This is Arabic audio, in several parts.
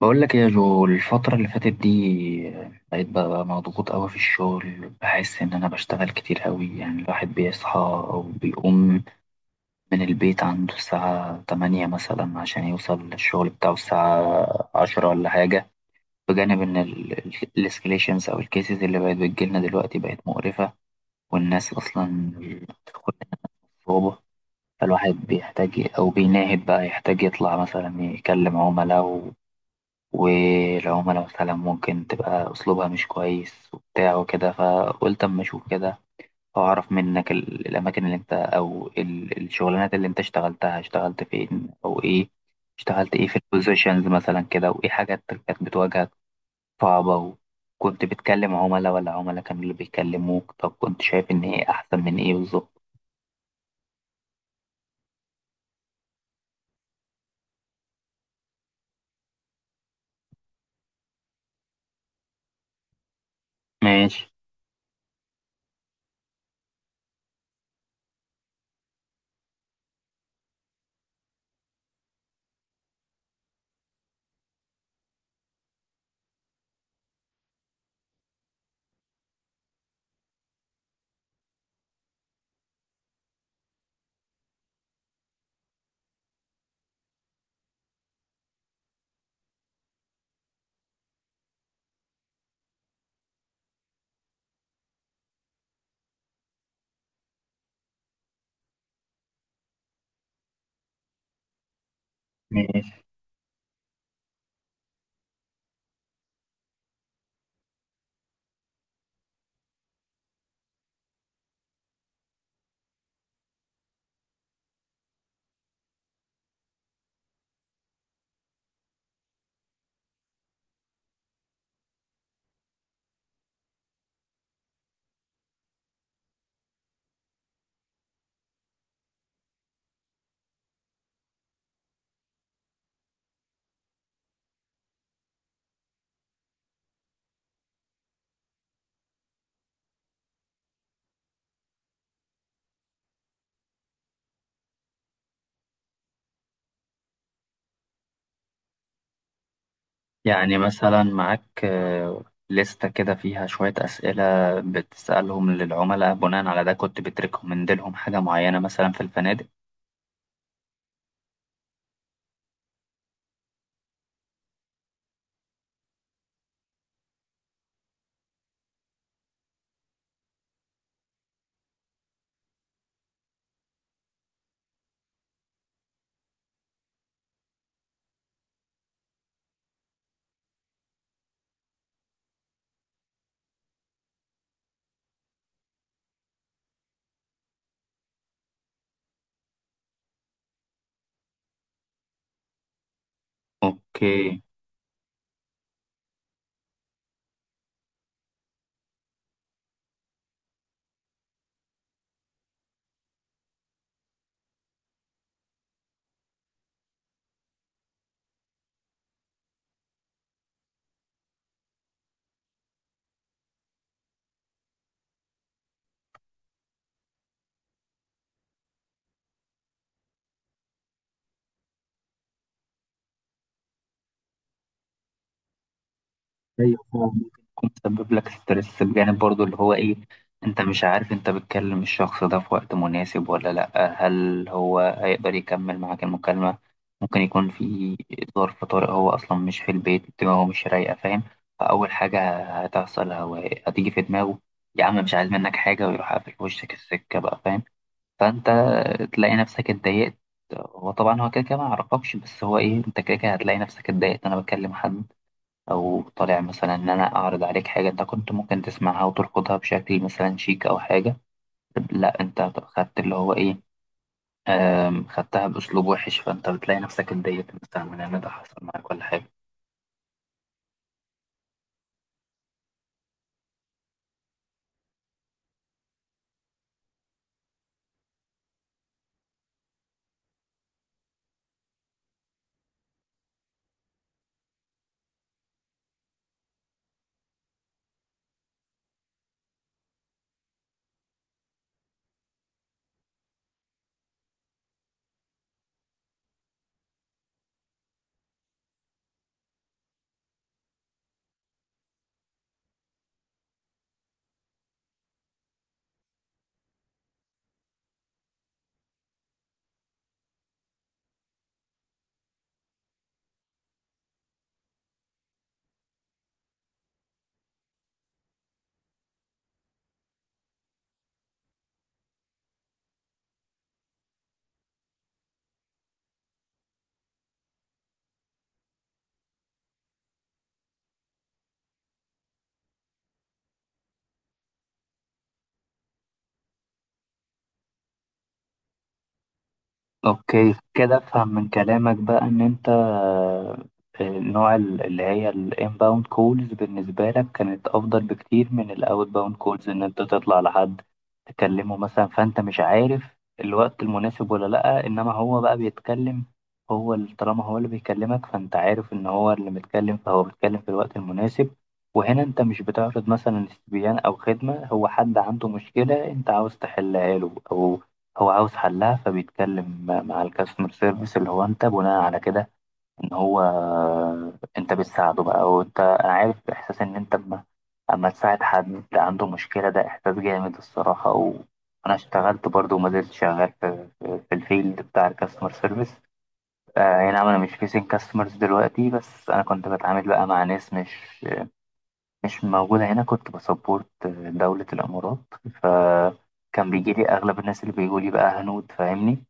بقول لك إيه يا جو؟ الفترة اللي فاتت دي بقيت بقى مضغوط قوي في الشغل، بحس إن أنا بشتغل كتير قوي. يعني الواحد بيصحى أو بيقوم من البيت عنده الساعة تمانية مثلا عشان يوصل للشغل بتاعه الساعة عشرة ولا حاجة، بجانب إن الاسكليشنز أو الكيسز اللي بقت بتجيلنا دلوقتي بقت مقرفة، والناس أصلا بتدخل الصعوبة. فالواحد بيحتاج أو بيناهد بقى يحتاج يطلع مثلا يكلم عملاء، والعملاء مثلا ممكن تبقى أسلوبها مش كويس وبتاع وكده. فقلت أما أشوف كده، وأعرف منك الأماكن اللي أنت، أو الشغلانات اللي أنت اشتغلتها، اشتغلت فين أو إيه، اشتغلت إيه في البوزيشنز مثلا كده، وإيه حاجات كانت بتواجهك صعبة؟ وكنت بتكلم عملاء ولا عملاء كانوا اللي بيكلموك؟ طب كنت شايف إن إيه أحسن من إيه بالظبط؟ ماشي. يعني مثلا معاك لستة كده فيها شوية أسئلة بتسألهم للعملاء، بناء على ده كنت بتريكومند لهم حاجة معينة مثلا في الفنادق؟ أوكي. ايوه، هو ممكن يكون مسبب لك ستريس، بجانب برضو اللي هو ايه، انت مش عارف انت بتكلم الشخص ده في وقت مناسب ولا لا، هل هو هيقدر يكمل معاك المكالمة؟ ممكن يكون في ظرف طارئ، هو اصلا مش في البيت، دماغه مش رايقة، فاهم؟ فاول حاجة هتحصل، هو هتيجي في دماغه يا عم مش عايز منك حاجة، ويروح قافل في وشك السكة بقى، فاهم؟ فانت تلاقي نفسك اتضايقت. هو طبعا هو كده كده ما يعرفكش، بس هو ايه، انت كده كده هتلاقي نفسك اتضايقت. انا بكلم حد او طالع مثلا ان انا اعرض عليك حاجه، انت كنت ممكن تسمعها وترفضها بشكل مثلا شيك او حاجه، لا انت خدت اللي هو ايه، خدتها باسلوب وحش، فانت بتلاقي نفسك اتضايقت مثلا من ان ده حصل معاك ولا حاجه. اوكي، كده افهم من كلامك بقى ان انت، النوع اللي هي الانباوند كولز بالنسبة لك كانت افضل بكتير من الاوت باوند كولز ان انت تطلع لحد تكلمه مثلا، فانت مش عارف الوقت المناسب ولا لا. انما هو بقى بيتكلم، طالما هو اللي بيكلمك فانت عارف ان هو اللي متكلم، فهو بيتكلم في الوقت المناسب. وهنا انت مش بتعرض مثلا استبيان او خدمة، هو حد عنده مشكلة انت عاوز تحلها له، او هو عاوز حلها فبيتكلم مع الكاستمر سيرفيس اللي هو انت، بناء على كده ان هو، انت بتساعده بقى. او انت، انا عارف احساس ان انت اما، تساعد حد عنده مشكلة، ده احساس جامد الصراحة. وانا اشتغلت برضو وما زلت شغال في الفيلد بتاع الكاستمر سيرفيس. آه نعم، انا مش فيسين كاستمرز دلوقتي، بس انا كنت بتعامل بقى مع ناس مش موجودة هنا، كنت بسبورت دولة الامارات. ف كان بيجي لي اغلب الناس اللي بيقولي بقى هنود، فاهمني؟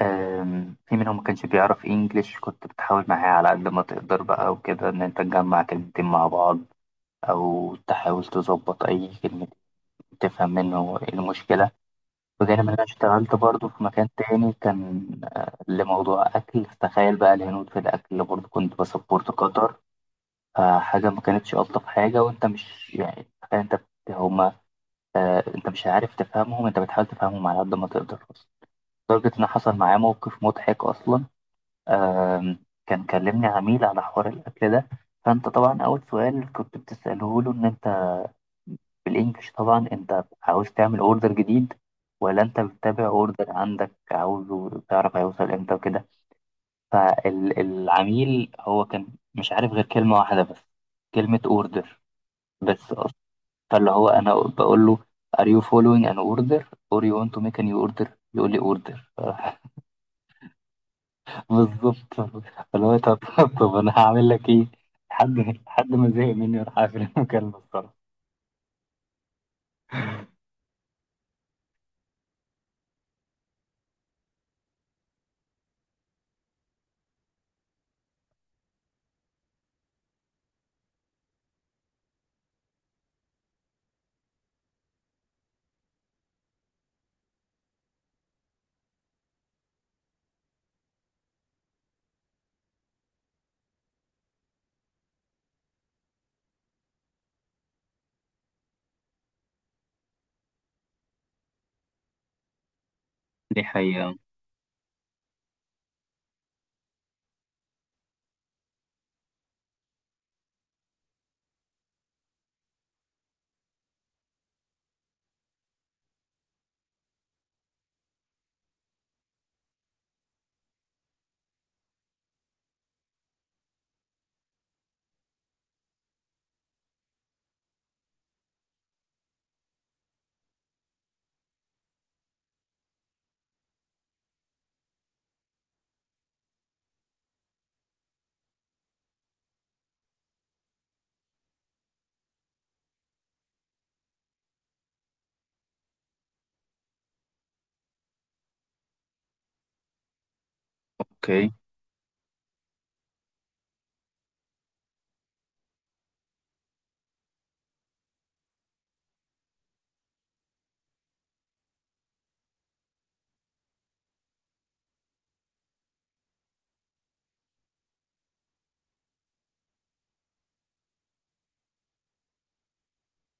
في منهم ما كانش بيعرف انجليش، كنت بتحاول معاه على قد ما تقدر بقى وكده، ان انت تجمع كلمتين مع بعض او تحاول تظبط اي كلمة تفهم منه إيه المشكلة. وغير ان انا اشتغلت برضه في مكان تاني كان لموضوع اكل. تخيل بقى الهنود في الاكل! برضه كنت بسبورت قطر، فحاجة ما كانتش الطف حاجة. وانت مش يعني، تخيل انت هما، انت مش عارف تفهمهم، انت بتحاول تفهمهم على قد ما تقدر اصلا. لدرجة ان حصل معايا موقف مضحك اصلا. آم، كان كلمني عميل على حوار الأكل ده، فأنت طبعا أول سؤال كنت بتسأله له، إن أنت بالإنجلش طبعا، أنت عاوز تعمل أوردر جديد ولا أنت بتتابع أوردر عندك عاوزه تعرف هيوصل إمتى وكده. فالعميل هو كان مش عارف غير كلمة واحدة بس، كلمة أوردر بس أصلا. فاللي هو أنا بقول له Are you following an order or you want to make a new order؟ يقول لي order. بالظبط. فاللي هو طب طب انا هعمل لك ايه؟ لحد لحد ما زهق مني وراح قافل المكالمه الصراحه. دي حقيقة. اوكي،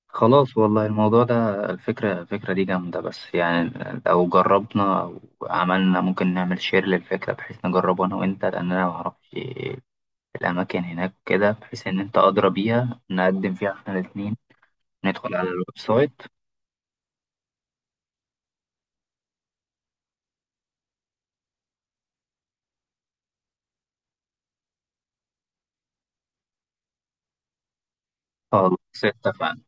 خلاص والله الموضوع ده، الفكرة دي جامدة، بس يعني لو جربنا او عملنا، ممكن نعمل شير للفكرة بحيث نجربه انا وانت، لان انا معرفش الاماكن هناك كده، بحيث ان انت ادرى بيها نقدم فيها احنا الاتنين. ندخل على الويب سايت. خلاص، اتفقنا.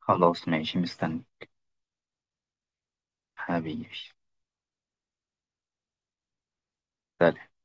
خلاص ماشي، مستني حبيبي. سلام.